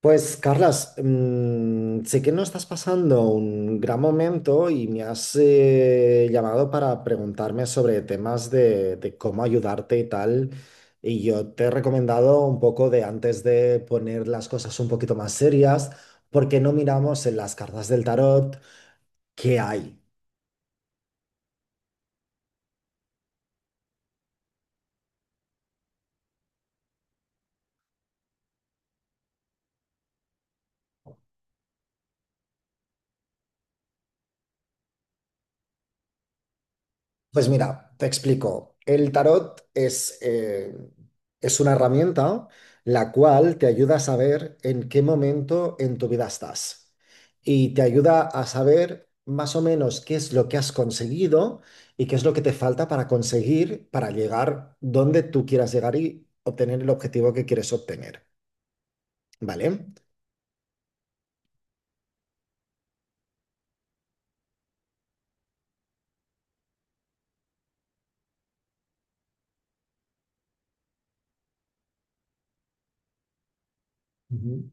Pues, Carlas, sé que no estás pasando un gran momento y me has llamado para preguntarme sobre temas de cómo ayudarte y tal. Y yo te he recomendado un poco de antes de poner las cosas un poquito más serias, porque no miramos en las cartas del tarot qué hay. Pues mira, te explico. El tarot es una herramienta la cual te ayuda a saber en qué momento en tu vida estás y te ayuda a saber más o menos qué es lo que has conseguido y qué es lo que te falta para conseguir, para llegar donde tú quieras llegar y obtener el objetivo que quieres obtener. ¿Vale? Ujú.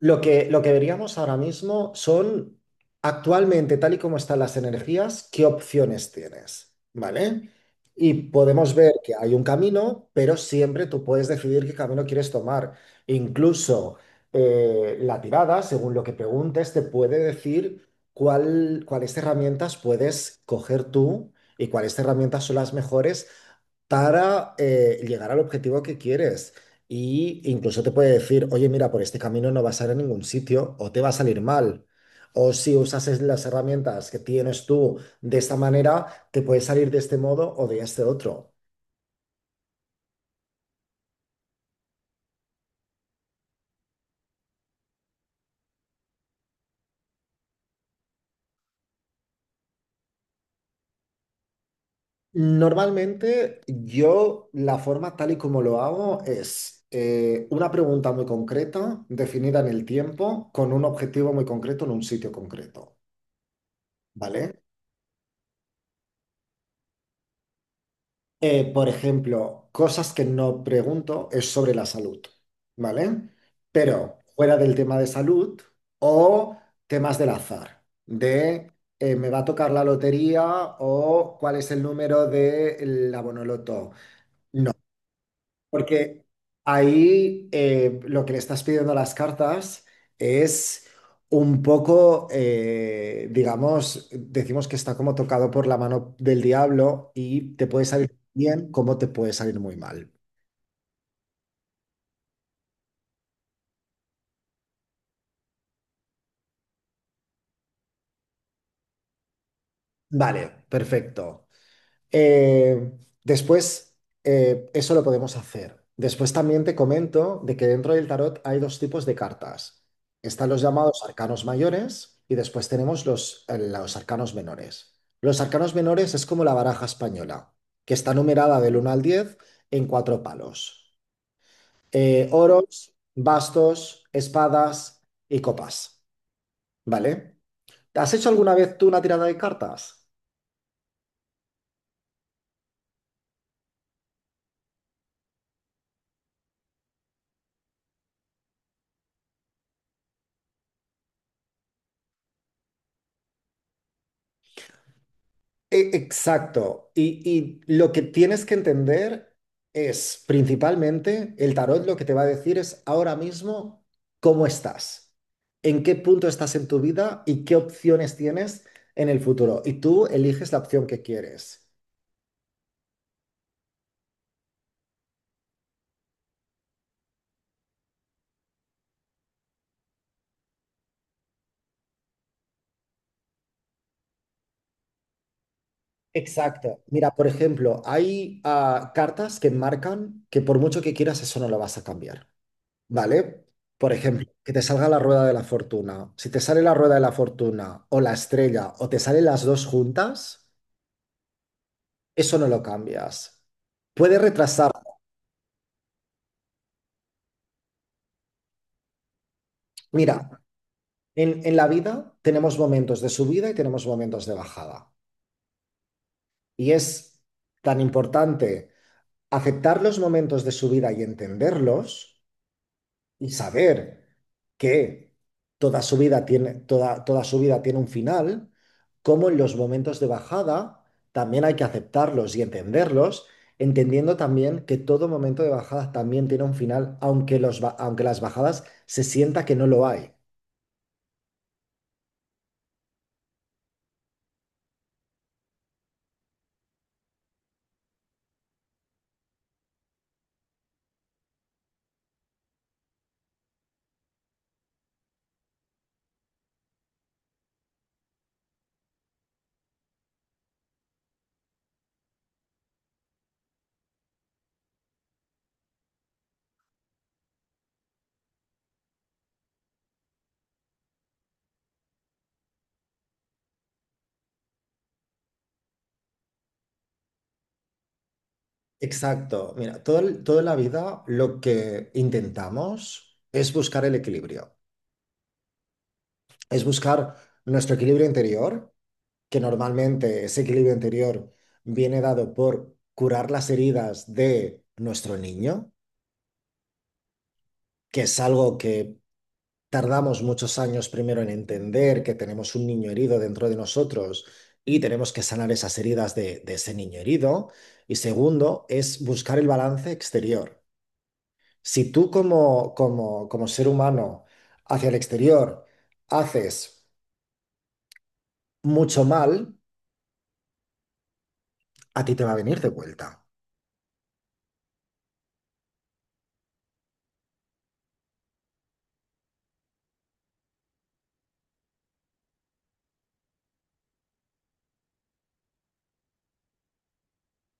Lo que veríamos ahora mismo son, actualmente, tal y como están las energías, qué opciones tienes, ¿vale? Y podemos ver que hay un camino, pero siempre tú puedes decidir qué camino quieres tomar. Incluso la tirada, según lo que preguntes, te puede decir cuáles herramientas puedes coger tú y cuáles herramientas son las mejores para llegar al objetivo que quieres. Y incluso te puede decir, oye, mira, por este camino no vas a ir a ningún sitio o te va a salir mal. O si usas las herramientas que tienes tú de esta manera, te puedes salir de este modo o de este otro. Normalmente yo la forma tal y como lo hago es una pregunta muy concreta, definida en el tiempo, con un objetivo muy concreto en un sitio concreto, ¿vale? Por ejemplo, cosas que no pregunto es sobre la salud, ¿vale? Pero fuera del tema de salud o temas del azar, de me va a tocar la lotería o cuál es el número de la Bonoloto. Porque ahí lo que le estás pidiendo a las cartas es un poco, digamos, decimos que está como tocado por la mano del diablo y te puede salir bien como te puede salir muy mal. Vale, perfecto. Eh, después, eso lo podemos hacer. Después también te comento de que dentro del tarot hay dos tipos de cartas. Están los llamados arcanos mayores y después tenemos los arcanos menores. Los arcanos menores es como la baraja española, que está numerada del 1 al 10 en cuatro palos. Oros, bastos, espadas y copas. ¿Vale? ¿Has hecho alguna vez tú una tirada de cartas? Exacto. Y lo que tienes que entender es principalmente el tarot lo que te va a decir es ahora mismo cómo estás, en qué punto estás en tu vida y qué opciones tienes en el futuro. Y tú eliges la opción que quieres. Exacto. Mira, por ejemplo, hay cartas que marcan que por mucho que quieras eso no lo vas a cambiar. ¿Vale? Por ejemplo, que te salga la rueda de la fortuna. Si te sale la rueda de la fortuna o la estrella o te salen las dos juntas, eso no lo cambias. Puede retrasar. Mira, en la vida tenemos momentos de subida y tenemos momentos de bajada. Y es tan importante aceptar los momentos de subida y entenderlos y saber que toda su vida tiene, toda su vida tiene un final, como en los momentos de bajada también hay que aceptarlos y entenderlos, entendiendo también que todo momento de bajada también tiene un final, aunque las bajadas se sienta que no lo hay. Exacto. Mira, toda la vida lo que intentamos es buscar el equilibrio, es buscar nuestro equilibrio interior que normalmente ese equilibrio interior viene dado por curar las heridas de nuestro niño, que es algo que tardamos muchos años primero en entender que tenemos un niño herido dentro de nosotros y tenemos que sanar esas heridas de ese niño herido. Y segundo, es buscar el balance exterior. Si tú como ser humano hacia el exterior haces mucho mal, a ti te va a venir de vuelta.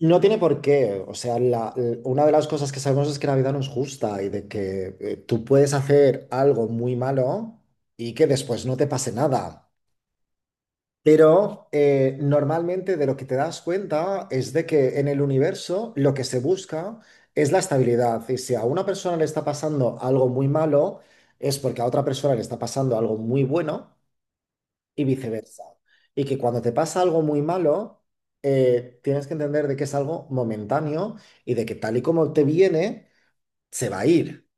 No tiene por qué. O sea, una de las cosas que sabemos es que la vida no es justa y de que tú puedes hacer algo muy malo y que después no te pase nada. Pero normalmente de lo que te das cuenta es de que en el universo lo que se busca es la estabilidad. Y si a una persona le está pasando algo muy malo, es porque a otra persona le está pasando algo muy bueno y viceversa. Y que cuando te pasa algo muy malo, tienes que entender de que es algo momentáneo y de que tal y como te viene, se va a ir.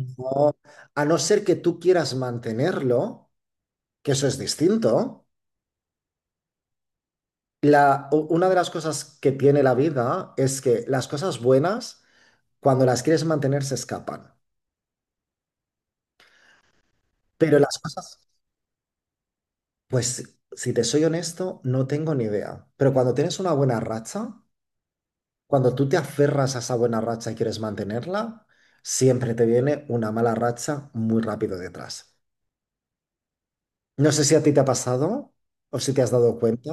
No- a no ser que tú quieras mantenerlo, que eso es distinto. Una de las cosas que tiene la vida es que las cosas buenas, cuando las quieres mantener, se escapan. Pero las cosas, pues si te soy honesto, no tengo ni idea. Pero cuando tienes una buena racha, cuando tú te aferras a esa buena racha y quieres mantenerla, siempre te viene una mala racha muy rápido detrás. No sé si a ti te ha pasado o si te has dado cuenta.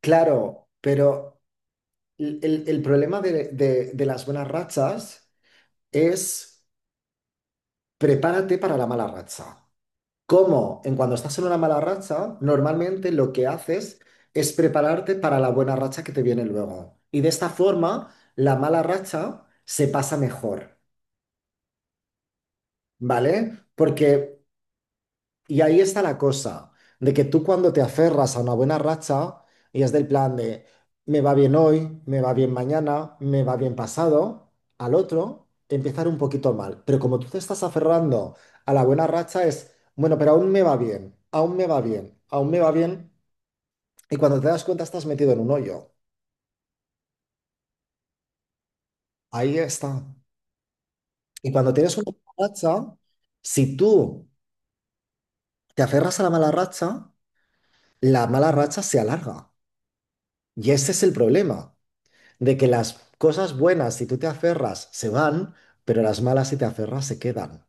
Claro, pero el problema de las buenas rachas es prepárate para la mala racha. ¿Cómo? En cuando estás en una mala racha, normalmente lo que haces es prepararte para la buena racha que te viene luego. Y de esta forma, la mala racha se pasa mejor. ¿Vale? Porque, y ahí está la cosa, de que tú cuando te aferras a una buena racha, y es del plan de, me va bien hoy, me va bien mañana, me va bien pasado, al otro, empezar un poquito mal. Pero como tú te estás aferrando a la buena racha es, bueno, pero aún me va bien, aún me va bien, aún me va bien, y cuando te das cuenta estás metido en un hoyo. Ahí está. Y cuando tienes una mala racha, si tú te aferras a la mala racha se alarga. Y ese es el problema, de que las cosas buenas, si tú te aferras, se van, pero las malas, si te aferras, se quedan.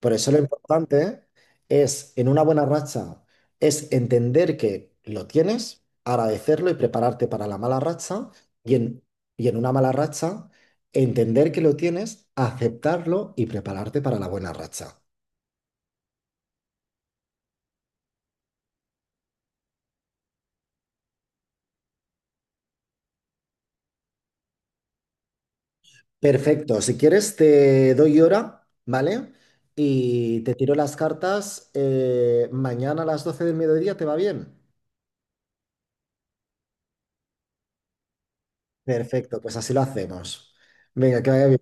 Por eso lo importante es, en una buena racha, es entender que lo tienes, agradecerlo y prepararte para la mala racha, y en, y en una mala racha, entender que lo tienes, aceptarlo y prepararte para la buena racha. Perfecto, si quieres te doy hora, ¿vale? Y te tiro las cartas mañana a las 12 del mediodía, ¿te va bien? Perfecto, pues así lo hacemos. Venga, que vaya bien.